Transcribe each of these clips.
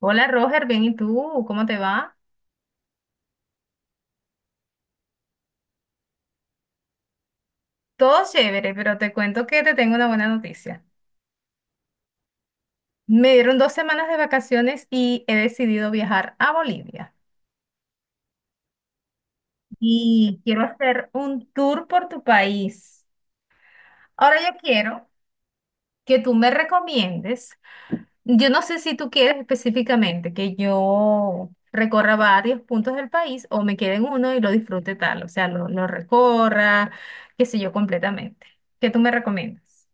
Hola Roger, bien, ¿y tú? ¿Cómo te va? Todo chévere, pero te cuento que te tengo una buena noticia. Me dieron 2 semanas de vacaciones y he decidido viajar a Bolivia. Y quiero hacer un tour por tu país. Ahora yo quiero que tú me recomiendes. Yo no sé si tú quieres específicamente que yo recorra varios puntos del país o me quede en uno y lo disfrute tal, o sea, lo recorra, qué sé yo, completamente. ¿Qué tú me recomiendas?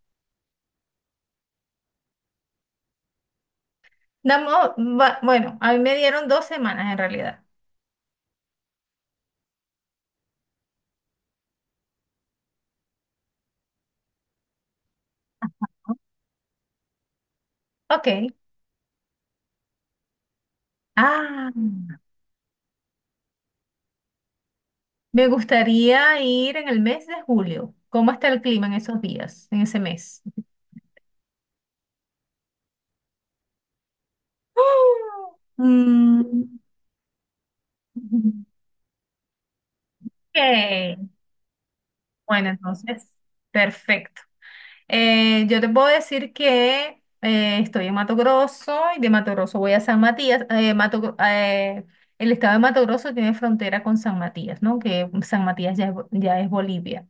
Damos, bueno, a mí me dieron dos semanas en realidad. ¿No? Ok. Ah, me gustaría ir en el mes de julio. ¿Cómo está el clima en esos días, en ese mes? ¡Oh! Mm, ok, bueno, entonces, perfecto. Yo te puedo decir que estoy en Mato Grosso y de Mato Grosso voy a San Matías. El estado de Mato Grosso tiene frontera con San Matías, ¿no? Que San Matías ya es, ya es Bolivia.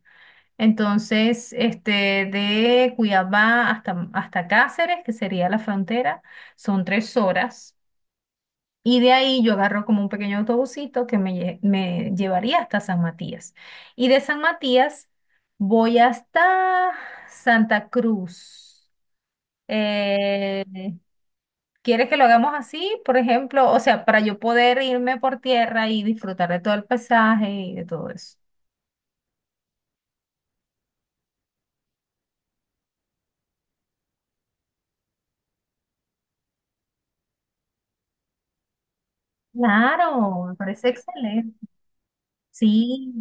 Entonces, este, de Cuiabá hasta Cáceres, que sería la frontera, son 3 horas. Y de ahí yo agarro como un pequeño autobusito que me llevaría hasta San Matías. Y de San Matías voy hasta Santa Cruz. Eh, ¿Quieres que lo hagamos así, por ejemplo? O sea, para yo poder irme por tierra y disfrutar de todo el paisaje y de todo eso. Claro, me parece excelente. Sí.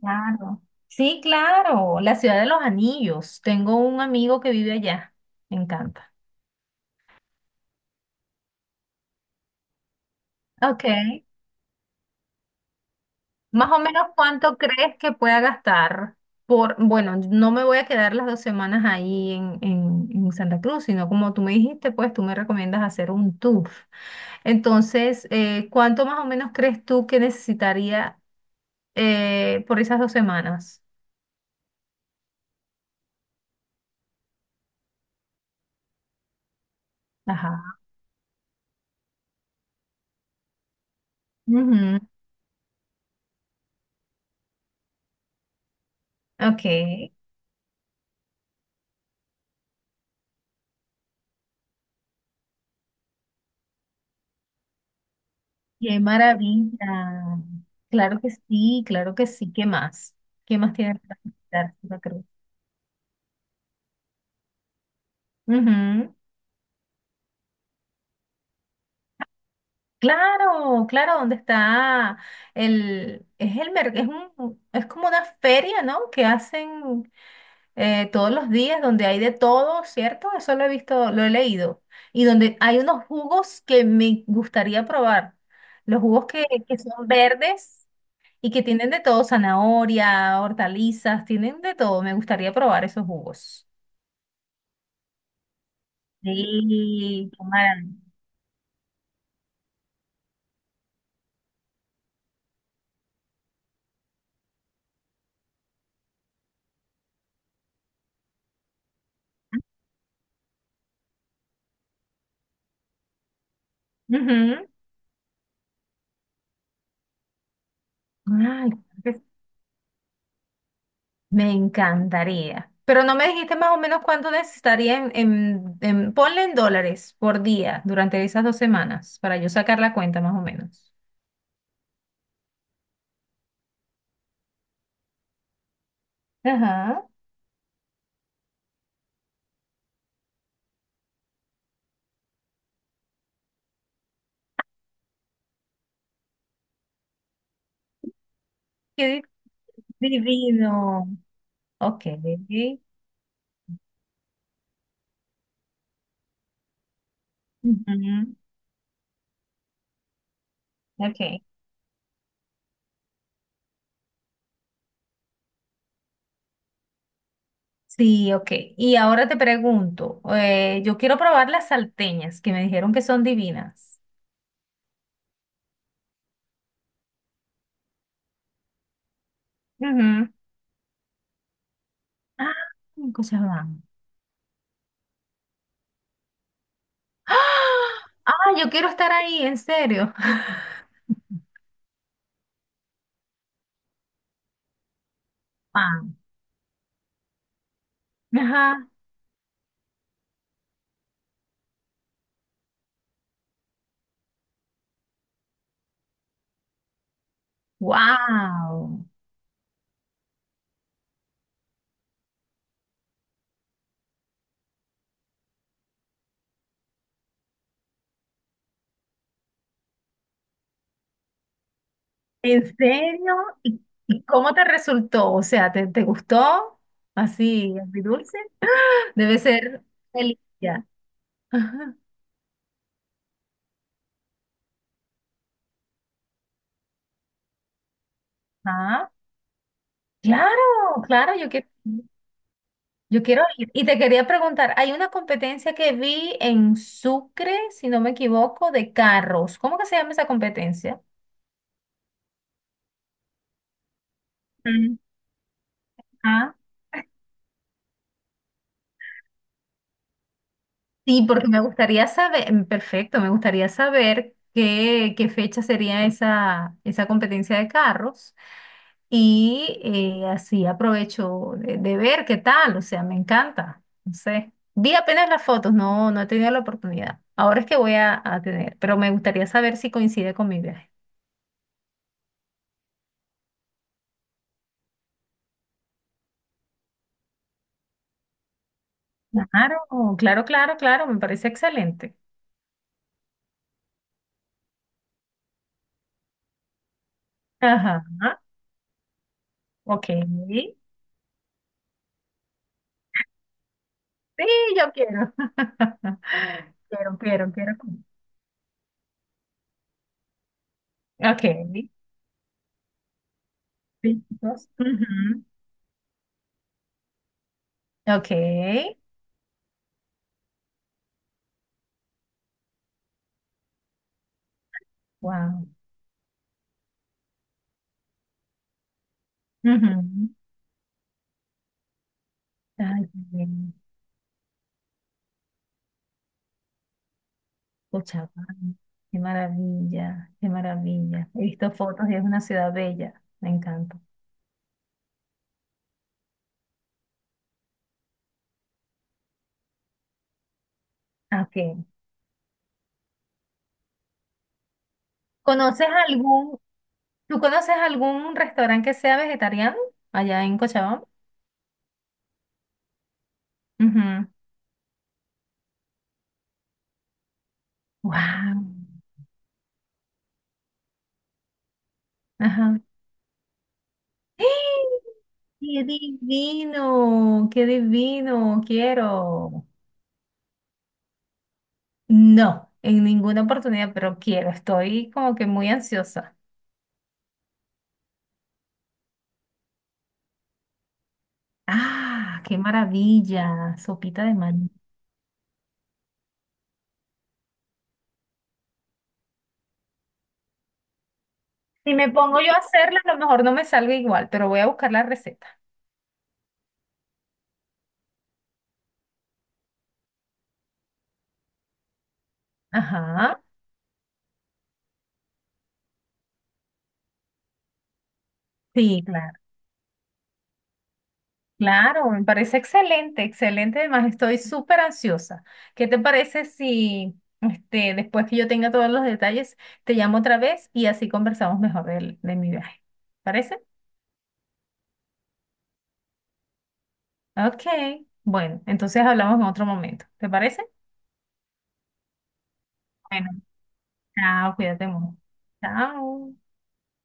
Claro. Sí, claro, la ciudad de los anillos. Tengo un amigo que vive allá. Me encanta. Ok. Más o menos cuánto crees que pueda gastar por, bueno, no me voy a quedar las 2 semanas ahí en, en Santa Cruz, sino como tú me dijiste, pues tú me recomiendas hacer un tour. Entonces, ¿cuánto más o menos crees tú que necesitaría por esas 2 semanas? Ajá. Ujú. Ok. Qué maravilla. Claro que sí, claro que sí. ¿Qué más? ¿Qué más tiene para visitar Veracruz? Ujú. Claro, claro, dónde está el, es el mer- es un, es como una feria, ¿no? Que hacen todos los días, donde hay de todo, ¿cierto? Eso lo he visto, lo he leído. Y donde hay unos jugos que me gustaría probar. Los jugos que son verdes. Y que tienen de todo, zanahoria, hortalizas, tienen de todo. Me gustaría probar esos jugos. Sí, qué maravilla. Ujú. Ay, claro que sí. Me encantaría. Pero no me dijiste más o menos cuánto necesitaría en, ponle en dólares por día durante esas 2 semanas para yo sacar la cuenta más o menos. Ajá. Qué divino. Ok. Ujú. Ok. Sí, ok. Y ahora te pregunto, yo quiero probar las salteñas que me dijeron que son divinas. Ujú. Ah, en Cochabamba. ¡Ah! Ah, yo quiero estar ahí, en serio. Ah, ajá. Wow. ¿En serio? ¿Y, y cómo te resultó? O sea, ¿te gustó? Así, dulce. Debe ser delicia. Ajá. Ah, claro, claro, yo quiero. Yo quiero ir. Y te quería preguntar, hay una competencia que vi en Sucre, si no me equivoco, de carros. ¿Cómo que se llama esa competencia? Mm. Ah, sí, porque me gustaría saber, perfecto, me gustaría saber qué fecha sería esa, competencia de carros. Y así aprovecho de ver qué tal, o sea, me encanta. No sé. Vi apenas las fotos, no, no he tenido la oportunidad. Ahora es que voy a tener, pero me gustaría saber si coincide con mi viaje. Claro, claro, claro, claro, me parece excelente. Ajá, ok. Sí, yo quiero. Quiero, quiero, quiero. Ok. Piquitos. Ujú. Ok. Wow. Ujú. Ay, qué bien. Cochabamba. Qué maravilla, qué maravilla. He visto fotos y es una ciudad bella. Me encanta. Ok. ¿Conoces algún, tú conoces algún restaurante que sea vegetariano allá en Cochabamba? Wow. Ajá. ¡Eh! ¡Qué divino! ¡Qué divino! Quiero. No, en ninguna oportunidad, pero quiero. Estoy como que muy ansiosa. ¡Ah! ¡Qué maravilla! Sopita de maní. Si me pongo yo a hacerla, a lo mejor no me salga igual, pero voy a buscar la receta. Ajá. Sí, claro. Claro, me parece excelente, excelente. Además, estoy súper ansiosa. ¿Qué te parece si este, después que yo tenga todos los detalles, te llamo otra vez y así conversamos mejor de mi viaje? ¿Parece? Ok. Bueno, entonces hablamos en otro momento. ¿Te parece? Bueno, chao, cuídate mucho. Chao.